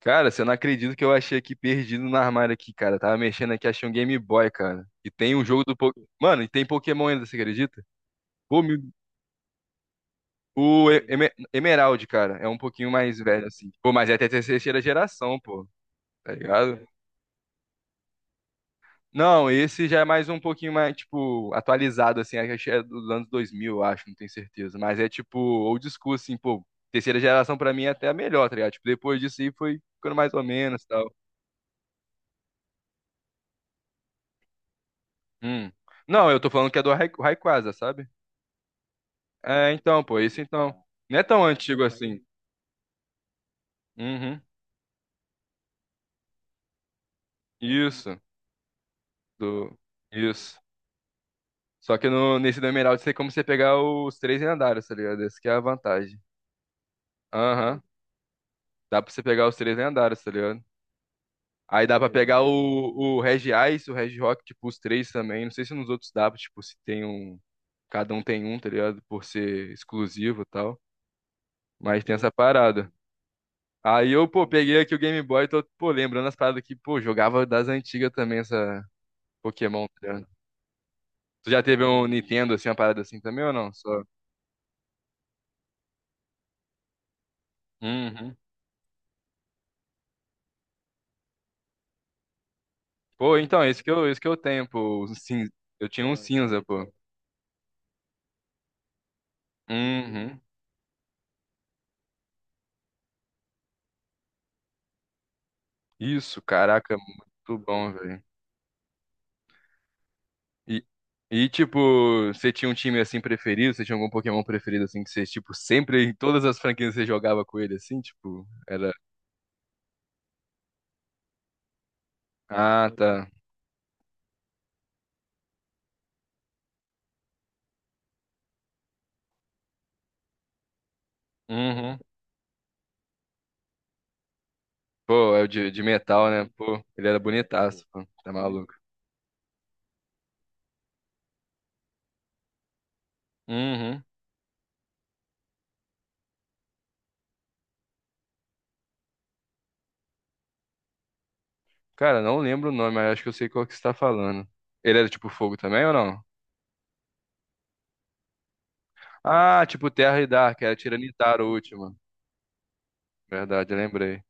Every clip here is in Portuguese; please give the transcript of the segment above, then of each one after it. Cara, você não acredita que eu achei aqui perdido no armário aqui, cara. Tava mexendo aqui, achei um Game Boy, cara. E tem um jogo do Po- Mano, e tem Pokémon ainda, você acredita? Pô, me- o E- Eme- Emerald, cara, é um pouquinho mais velho, assim. Pô, mas é até terceira geração, pô. Tá ligado? Não, esse já é mais um pouquinho mais, tipo, atualizado, assim. Acho que é dos anos 2000, eu acho, não tenho certeza. Mas é, tipo, old school, assim, pô. Terceira geração pra mim é até a melhor, tá ligado? Tipo, depois disso aí foi ficando mais ou menos e tal. Hum. Não, eu tô falando que é do Rayquaza, sabe? É, então, pô, isso então. Não é tão antigo assim. Uhum. Isso. Do... Isso. Só que no, nesse do Emerald tem como você pegar os três lendários, tá ligado? Essa que é a vantagem. Aham. Dá pra você pegar os três lendários, tá ligado? Aí dá pra pegar o Regiais, o Regirock, tipo, os três também. Não sei se nos outros dá, tipo, se tem um. Cada um tem um, tá ligado? Por ser exclusivo e tal. Mas tem essa parada. Aí eu, pô, peguei aqui o Game Boy, tô, pô, lembrando as paradas que, pô, jogava das antigas também, essa, Pokémon, tá ligado? Tu já teve um Nintendo, assim, uma parada assim também ou não? Só. Uhum. Pô, então, esse que eu tenho, pô. O Cinza. Eu tinha um cinza, pô. Uhum. Isso, caraca, muito bom, velho. E, e tipo, você tinha um time, assim, preferido? Você tinha algum Pokémon preferido, assim, que você, tipo, sempre, em todas as franquias você jogava com ele, assim, tipo, era... Ah, tá. Uhum. Pô, é o de metal, né? Pô, ele era bonitaço, pô. Tá maluco. Uhum. Cara, não lembro o nome, mas acho que eu sei qual que você tá falando. Ele era tipo fogo também ou não? Ah, tipo Terra e Dark, era Tiranitar o último. Verdade, eu lembrei.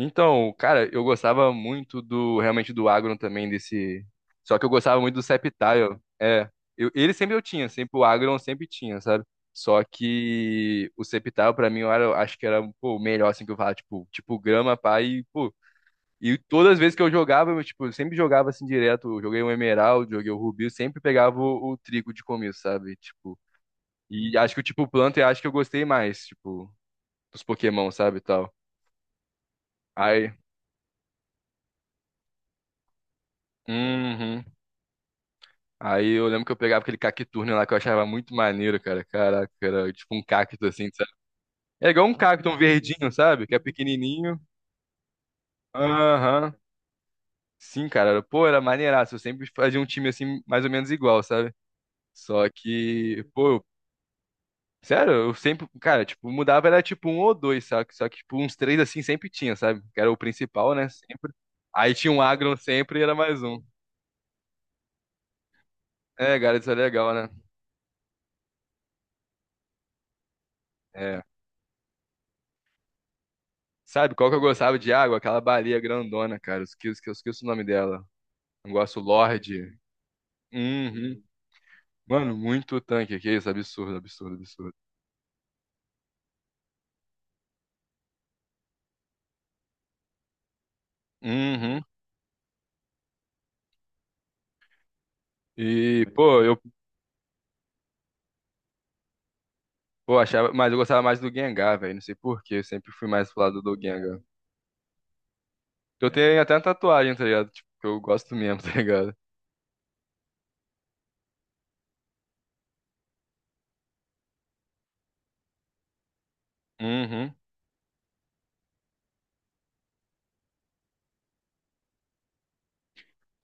Então, cara, eu gostava muito do, realmente do Agron também, desse... Só que eu gostava muito do Sceptile. É, eu, ele sempre eu tinha, sempre o Agron eu sempre tinha, sabe? Só que o Sceptile pra mim eu era, acho que era, pô, o melhor, assim, que eu falava, tipo, grama, pá, e, pô, E todas as vezes que eu jogava, eu, tipo, eu sempre jogava assim direto. Eu joguei um Emerald, joguei o Rubi, eu sempre pegava o trigo de começo, sabe? Tipo, e acho que o tipo planta eu acho que eu gostei mais, tipo, dos Pokémon, sabe, e tal. Aí, uhum. Aí eu lembro que eu pegava aquele Cacturne lá que eu achava muito maneiro, cara. Caraca, era tipo um cacto assim, sabe? É igual um cacto, um verdinho, sabe? Que é pequenininho. Aham. Sim, cara. Pô, era maneiraço. Eu sempre fazia um time assim, mais ou menos igual, sabe? Só que, pô, Sério, eu sempre, cara, tipo, mudava era tipo um ou dois, sabe? Só que, tipo, uns três assim sempre tinha, sabe? Que era o principal, né? Sempre. Aí tinha um agro sempre e era mais um. É, cara, isso é legal, né? É. Sabe qual que eu gostava de água? Aquela baleia grandona, cara. Eu esqueço o nome dela. Eu gosto Lorde. Uhum. Mano, muito tanque aqui, isso é absurdo, absurdo, absurdo. Uhum. E, pô, eu pô, achava, mas eu gostava mais do Gengar, velho. Não sei por quê, eu sempre fui mais pro lado do Gengar. Eu tenho até uma tatuagem, tá ligado? Tipo, que eu gosto mesmo, tá ligado? Uhum.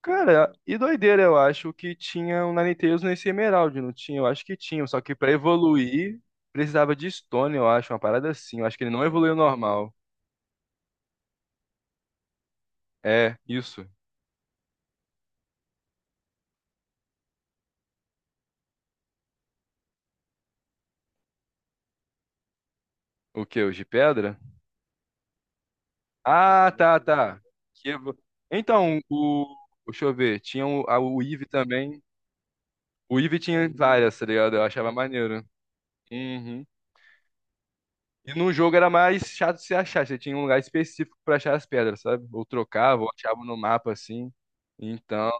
Cara, e doideira, eu acho que tinha um Ninetales nesse Emerald, não tinha? Eu acho que tinha, só que pra evoluir precisava de Stone, eu acho, uma parada assim. Eu acho que ele não evoluiu normal. É, isso. O que? O de pedra? Ah, tá, tá. Que evo- Então, o. Deixa eu ver, tinha o, a, o Eve também. O Eve tinha várias, tá ligado? Eu achava maneiro. Uhum. E num jogo era mais chato de se achar, você tinha um lugar específico pra achar as pedras, sabe? Ou trocava, ou achava no mapa assim. Então,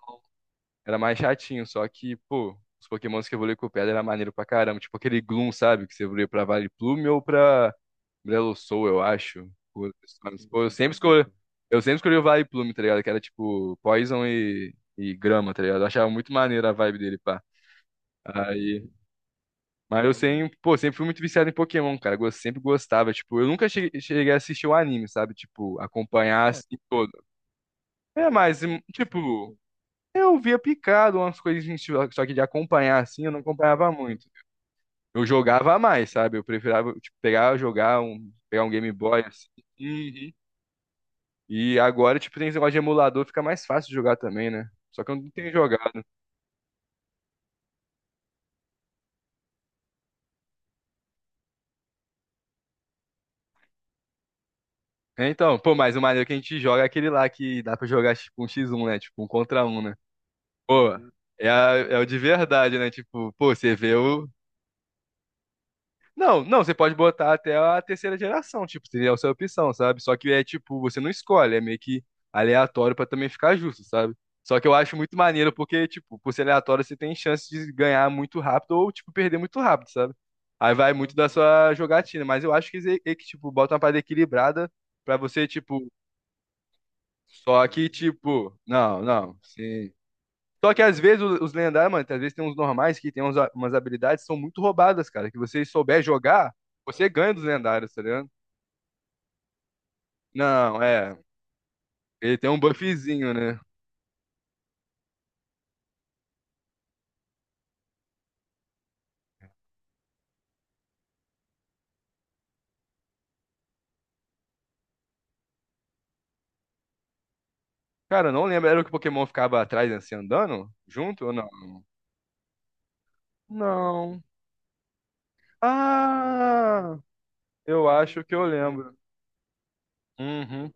era mais chatinho, só que, pô, os Pokémons que evoluíam com pedra era maneiro pra caramba. Tipo aquele Gloom, sabe? Que você evoluía pra Vileplume ou pra Brelosoul, eu acho. Pô, eu sempre escolhi, eu sempre escolhi o Vileplume, tá ligado? Que era tipo Poison e Grama, tá ligado? Eu achava muito maneiro a vibe dele, pá. Aí. Mas eu sempre, pô, sempre fui muito viciado em Pokémon, cara. Eu sempre gostava. Tipo, eu nunca cheguei a assistir o anime, sabe? Tipo, acompanhar assim todo. É, mas, tipo, eu via picado umas coisas, só que de acompanhar assim, eu não acompanhava muito. Eu jogava mais, sabe? Eu preferava, tipo, pegar, jogar um, pegar um Game Boy, assim. Uhum. E agora, tipo, tem esse negócio de emulador, fica mais fácil de jogar também, né? Só que eu não tenho jogado. É, então, pô, mas o maneiro que a gente joga é aquele lá que dá pra jogar, tipo, um x1, né? Tipo, um contra um, né? Pô, é, é o de verdade, né? Tipo, pô, você vê o. Não, não, você pode botar até a terceira geração, tipo, seria a sua opção, sabe? Só que é tipo, você não escolhe, é meio que aleatório pra também ficar justo, sabe? Só que eu acho muito maneiro porque, tipo, por ser aleatório, você tem chance de ganhar muito rápido ou, tipo, perder muito rápido, sabe? Aí vai muito da sua jogatina, mas eu acho que, é que tipo, bota uma parada equilibrada pra você, tipo, só que, tipo, não, não, sim. Só que às vezes os lendários, mano, às vezes tem uns normais que tem uns umas habilidades que são muito roubadas, cara. Que você souber jogar, você ganha dos lendários, tá ligado? Não, é. Ele tem um buffzinho, né? Cara, eu não lembro. Era o que o Pokémon ficava atrás, assim, andando? Junto ou não? Não. Ah, eu acho que eu lembro. Uhum.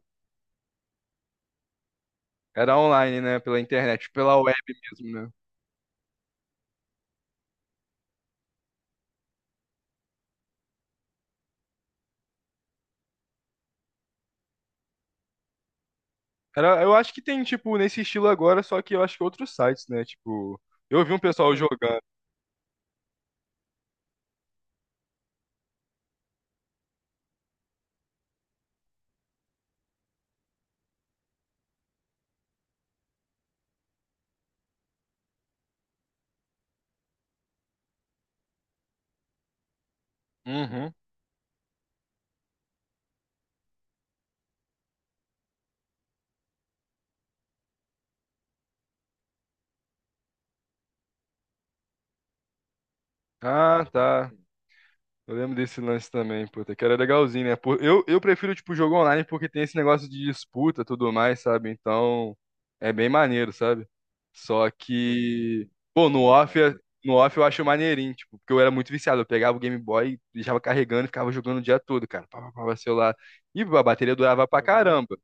Era online, né? Pela internet, pela web mesmo, né? Era, eu acho que tem, tipo, nesse estilo agora, só que eu acho que outros sites, né? Tipo, eu vi um pessoal jogando. Uhum. Ah, tá. Eu lembro desse lance também, puta, que era legalzinho, né? Pô, eu, prefiro, tipo, jogo online porque tem esse negócio de disputa e tudo mais, sabe? Então, é bem maneiro, sabe? Só que, pô, no off eu acho maneirinho, tipo, porque eu era muito viciado. Eu pegava o Game Boy, deixava carregando e ficava jogando o dia todo, cara. Pá, pá, pá, pá, celular. E a bateria durava pra Uhum. caramba.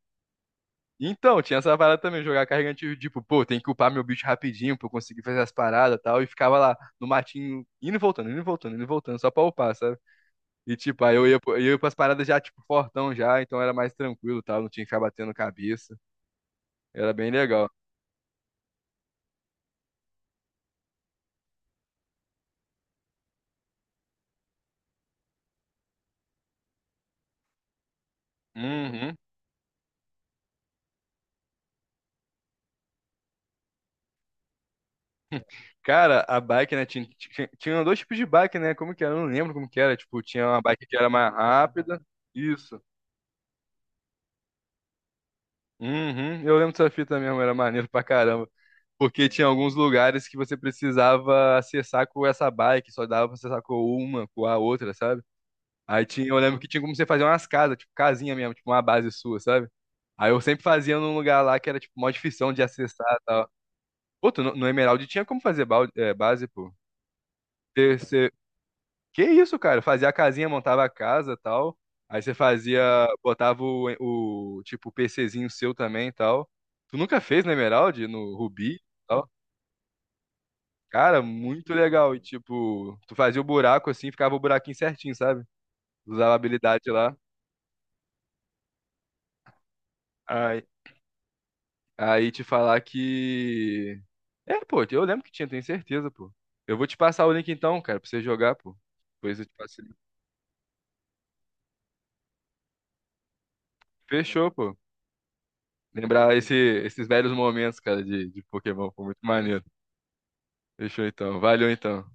Então, tinha essa parada também, jogar carregando, tipo, pô, tem que upar meu bicho rapidinho pra eu conseguir fazer as paradas e tal. E ficava lá no matinho, indo e voltando, indo e voltando, indo e voltando, só pra upar, sabe? E, tipo, aí eu ia pras paradas já, tipo, fortão já, então era mais tranquilo, tal, não tinha que ficar batendo cabeça. Era bem legal. Uhum. Cara, a bike, né, tinha dois tipos de bike, né, como que era? Eu não lembro como que era, tipo, tinha uma bike que era mais rápida, isso. Uhum. Eu lembro dessa fita mesmo, era maneiro pra caramba. Porque tinha alguns lugares que você precisava acessar com essa bike, só dava pra acessar com uma, com a outra, sabe? Aí tinha, eu lembro que tinha como você fazer umas casas, tipo casinha mesmo, tipo uma base sua, sabe? Aí eu sempre fazia num lugar lá que era tipo mó difícil de acessar e tal. Pô, tu, no, no Emerald tinha como fazer balde, é, base, pô. Você, você- Que isso, cara? Fazia a casinha, montava a casa e tal. Aí você fazia, botava o tipo o PCzinho seu também e tal. Tu nunca fez no Emerald, no Rubi e tal? Cara, muito legal. E tipo, tu fazia o buraco assim, ficava o buraquinho certinho, sabe? Usava a habilidade lá. Aí te falar que. É, pô, eu lembro que tinha, tenho certeza, pô. Eu vou te passar o link então, cara, pra você jogar, pô. Depois eu te passo o link. Fechou, pô. Lembrar esses velhos momentos, cara, de Pokémon, foi muito maneiro. Fechou então. Valeu então.